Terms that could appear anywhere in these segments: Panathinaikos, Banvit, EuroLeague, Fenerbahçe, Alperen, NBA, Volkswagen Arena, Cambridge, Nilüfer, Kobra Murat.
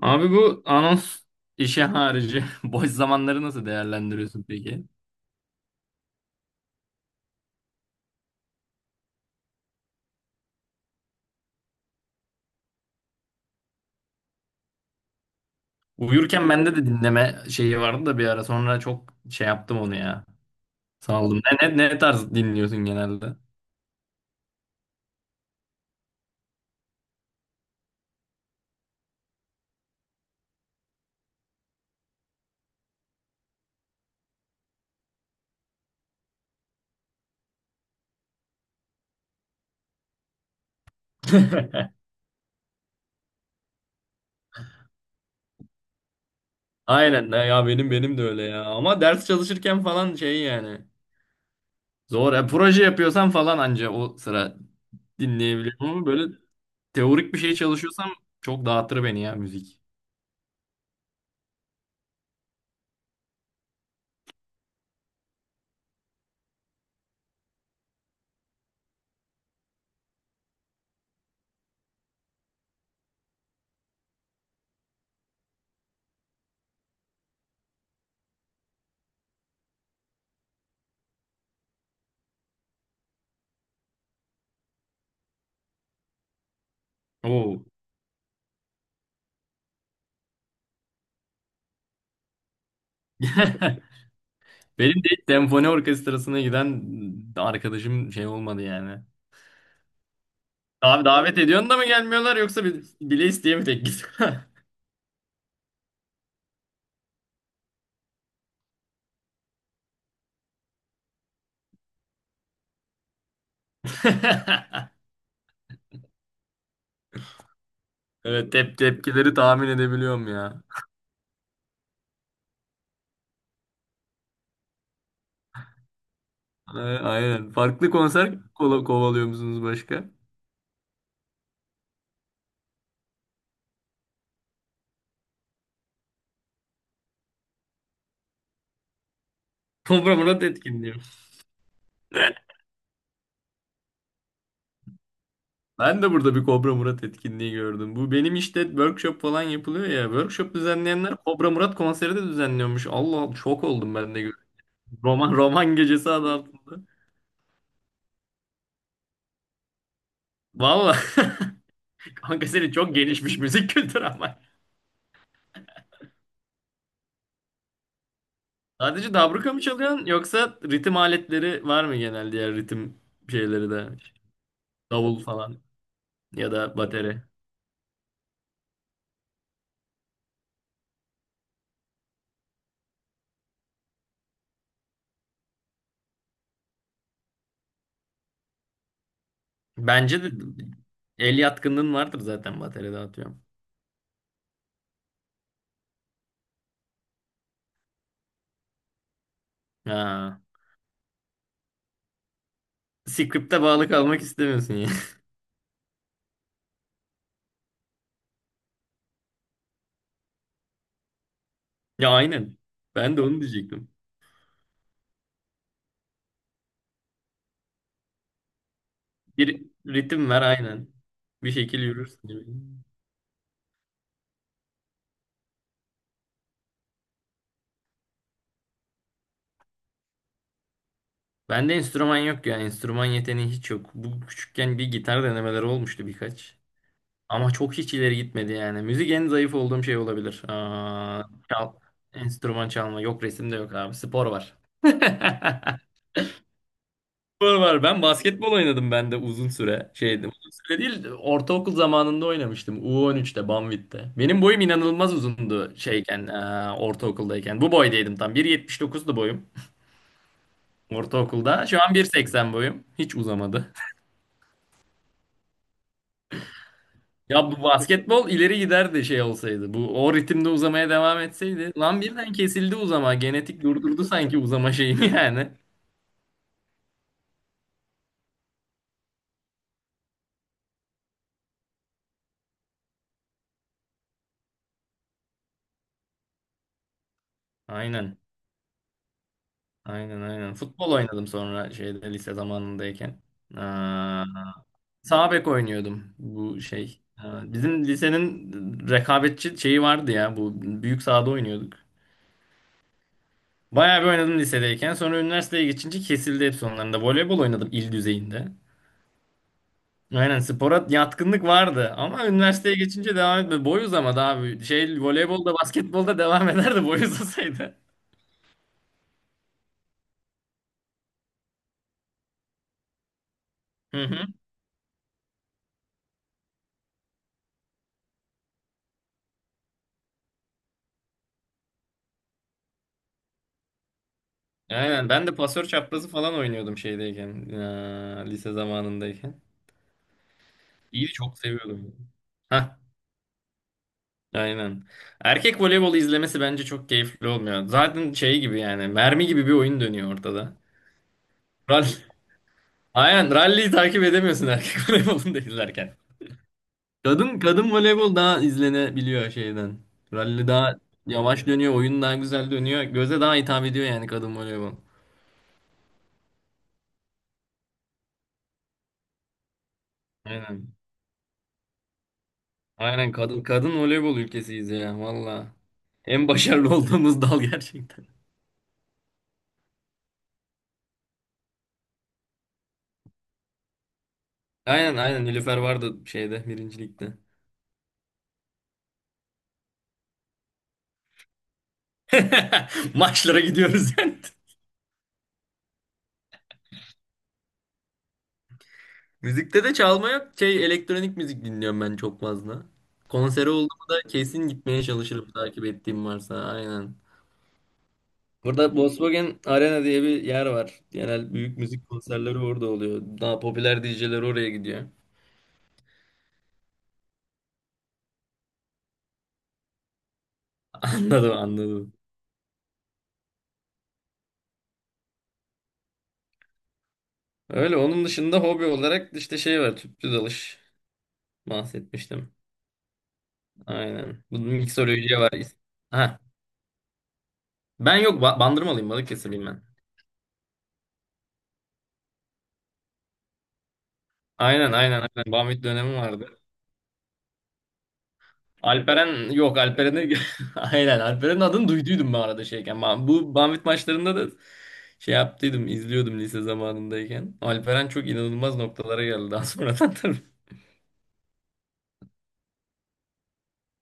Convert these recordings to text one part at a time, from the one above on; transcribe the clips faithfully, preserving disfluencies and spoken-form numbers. Abi bu anons işi harici boş zamanları nasıl değerlendiriyorsun peki? Uyurken bende de dinleme şeyi vardı da bir ara sonra çok şey yaptım onu ya. Saldım. Ne, ne, ne tarz dinliyorsun genelde? Aynen ya benim benim de öyle ya. Ama ders çalışırken falan şey yani. Zor. Ya, proje yapıyorsam falan anca o sıra dinleyebiliyorum ama böyle teorik bir şey çalışıyorsam çok dağıtır beni ya müzik. Oo. Benim de hiç senfoni orkestrasına giden arkadaşım şey olmadı yani. Abi davet ediyorsun da mı gelmiyorlar yoksa bi- bile isteye mi tek git? Evet tep tepkileri tahmin edebiliyorum ya. A- Aynen. Farklı konser kola- kovalıyor musunuz başka? Kobra Murat etkinliği. Ben de burada bir Kobra Murat etkinliği gördüm. Bu benim işte workshop falan yapılıyor ya. Workshop düzenleyenler Kobra Murat konseri de düzenliyormuş. Allah şok oldum ben de. gör- Roman roman gecesi adı altında. Vallahi. Kanka senin çok gelişmiş müzik kültürü ama. Sadece dabruka mı çalıyorsun yoksa ritim aletleri var mı genel diğer ritim şeyleri de? Davul falan ya da bateri. Bence de el yatkınlığın vardır zaten bateride atıyorum. Ha. Script'e bağlı kalmak istemiyorsun ya. Ya aynen. Ben de onu diyecektim. Bir ritim ver aynen. Bir şekil yürürsün gibi. Bende enstrüman yok ya. Enstrüman yeteneği hiç yok. Bu küçükken bir gitar denemeleri olmuştu birkaç. Ama çok hiç ileri gitmedi yani. Müzik en zayıf olduğum şey olabilir. Aa, çal, enstrüman çalma. Yok, resim de yok abi. Spor var. Spor var. Ben basketbol oynadım ben de uzun süre. Şeydi, uzun süre değil. Ortaokul zamanında oynamıştım. u on üçte, Banvit'te. Benim boyum inanılmaz uzundu şeyken, aa, ortaokuldayken. Bu boydaydım tam. bir yetmiş dokuzdu boyum ortaokulda. Şu an bir seksen boyum. Hiç uzamadı. Ya bu basketbol ileri giderdi şey olsaydı. Bu o ritimde uzamaya devam etseydi. Lan birden kesildi uzama. Genetik durdurdu sanki uzama şeyini yani. Aynen. Aynen, aynen. Futbol oynadım sonra şeyde lise zamanındayken. Aa, sağ bek oynuyordum. Bu şey. Aa, bizim lisenin rekabetçi şeyi vardı ya. Bu büyük sahada oynuyorduk. Bayağı bir oynadım lisedeyken. Sonra üniversiteye geçince kesildi hepsi onların da. Voleybol oynadım il düzeyinde. Aynen, spora yatkınlık vardı ama üniversiteye geçince devam etmedi. Boy uzamadı abi. Şey voleybolda basketbolda devam ederdi boy uzasaydı. Hı hı. Aynen ben de pasör çaprazı falan oynuyordum şeydeyken. eee, lise zamanındayken. İyi, çok seviyordum. Hah, aynen. Erkek voleybolu izlemesi bence çok keyifli olmuyor. Zaten şey gibi yani, mermi gibi bir oyun dönüyor ortada. Rally. Aynen rally'yi takip edemiyorsun erkek voleybolunu da izlerken. Kadın kadın voleybol daha izlenebiliyor şeyden. Rally daha yavaş dönüyor, oyun daha güzel dönüyor. Göze daha hitap ediyor yani kadın voleybol. Aynen. Aynen, kadın kadın voleybol ülkesiyiz ya valla. En başarılı olduğumuz dal gerçekten. Aynen, aynen, Nilüfer vardı şeyde birincilikte. Maçlara gidiyoruz yani. Müzikte de çalma yok. Şey, elektronik müzik dinliyorum ben çok fazla. Konseri olduğumda kesin gitmeye çalışırım takip ettiğim varsa. Aynen. Burada Volkswagen Arena diye bir yer var. Genel büyük müzik konserleri orada oluyor. Daha popüler D J'ler oraya gidiyor. Anladım, anladım. Öyle, onun dışında hobi olarak işte şey var. Tüplü dalış bahsetmiştim. Aynen. Bu miksolojiye var. Ha. Ben yok ba Bandırmalıyım, Balıkesirliyim ben. Aynen, aynen, aynen. Bamit dönemi vardı. Alperen, yok, Alperen'i aynen, Alperen'in adını duyduydum ben arada şeyken. Ben, bu Banvit maçlarında da şey yaptıydım, izliyordum lise zamanındayken. Alperen çok inanılmaz noktalara geldi daha sonradan tabii.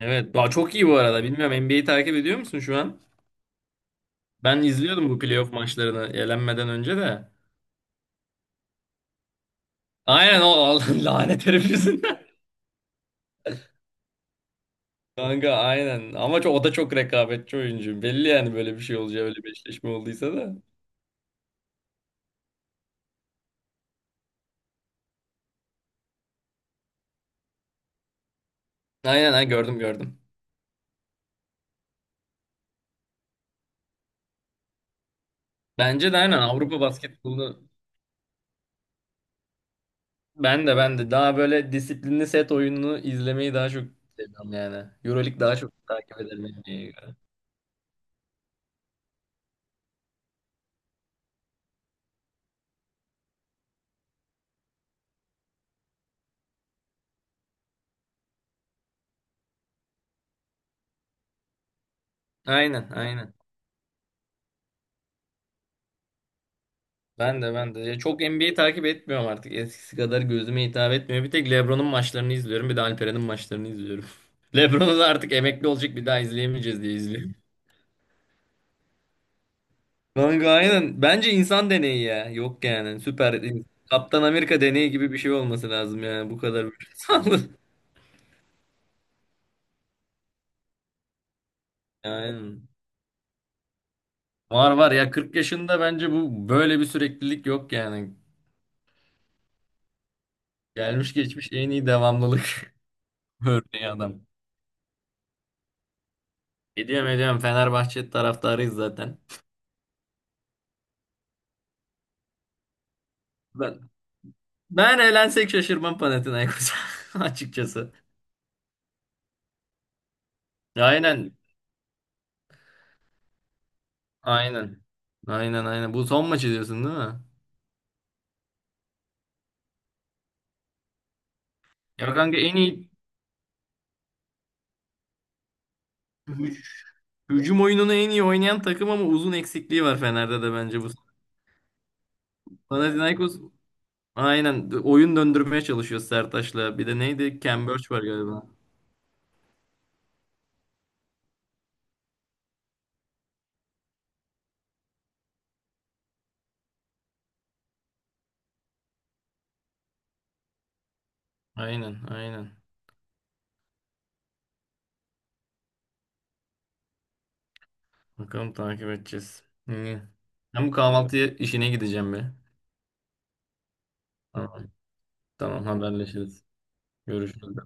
Evet daha çok iyi, bu arada bilmiyorum, N B A'yi takip ediyor musun şu an? Ben izliyordum bu playoff maçlarını elenmeden önce de. Aynen, o o lanet herif yüzünden. Kanka aynen ama çok, o da çok rekabetçi oyuncu. Belli yani böyle bir şey olacağı, öyle bir eşleşme olduysa da. Aynen, ha, gördüm, gördüm. Bence de aynen Avrupa basketbolu. Ben de ben de daha böyle disiplinli set oyununu izlemeyi daha çok seviyorum yani. EuroLeague daha çok takip ederim N B A'ye göre. Aynen, aynen. Ben de, ben de. Ya çok N B A takip etmiyorum artık. Eskisi kadar gözüme hitap etmiyor. Bir tek LeBron'un maçlarını izliyorum. Bir de Alperen'in maçlarını izliyorum. LeBron'u da artık emekli olacak, bir daha izleyemeyeceğiz diye izliyorum. Kanka aynen. Bence insan deneyi ya. Yok yani. Süper. Kaptan Amerika deneyi gibi bir şey olması lazım yani. Bu kadar böyle. Aynen. Var var ya, kırk yaşında bence bu, böyle bir süreklilik yok yani. Gelmiş geçmiş en iyi devamlılık örneği adam. Ediyorum, ediyorum, Fenerbahçe taraftarıyız zaten. Ben, ben eğlensek şaşırmam Panathinaikos'a açıkçası. Aynen, aynen. Aynen, aynen. Bu son maçı diyorsun değil mi? Ya kanka en iyi hü- hücum oyununu en iyi oynayan takım ama uzun eksikliği var Fener'de de bence bu. Panathinaikos aynen oyun döndürmeye çalışıyor Sertaç'la. Bir de neydi? Cambridge var galiba. Aynen, aynen. Bakalım, takip edeceğiz. İyi. Ben bu kahvaltı işine gideceğim be. Tamam, tamam, haberleşiriz. Görüşürüz.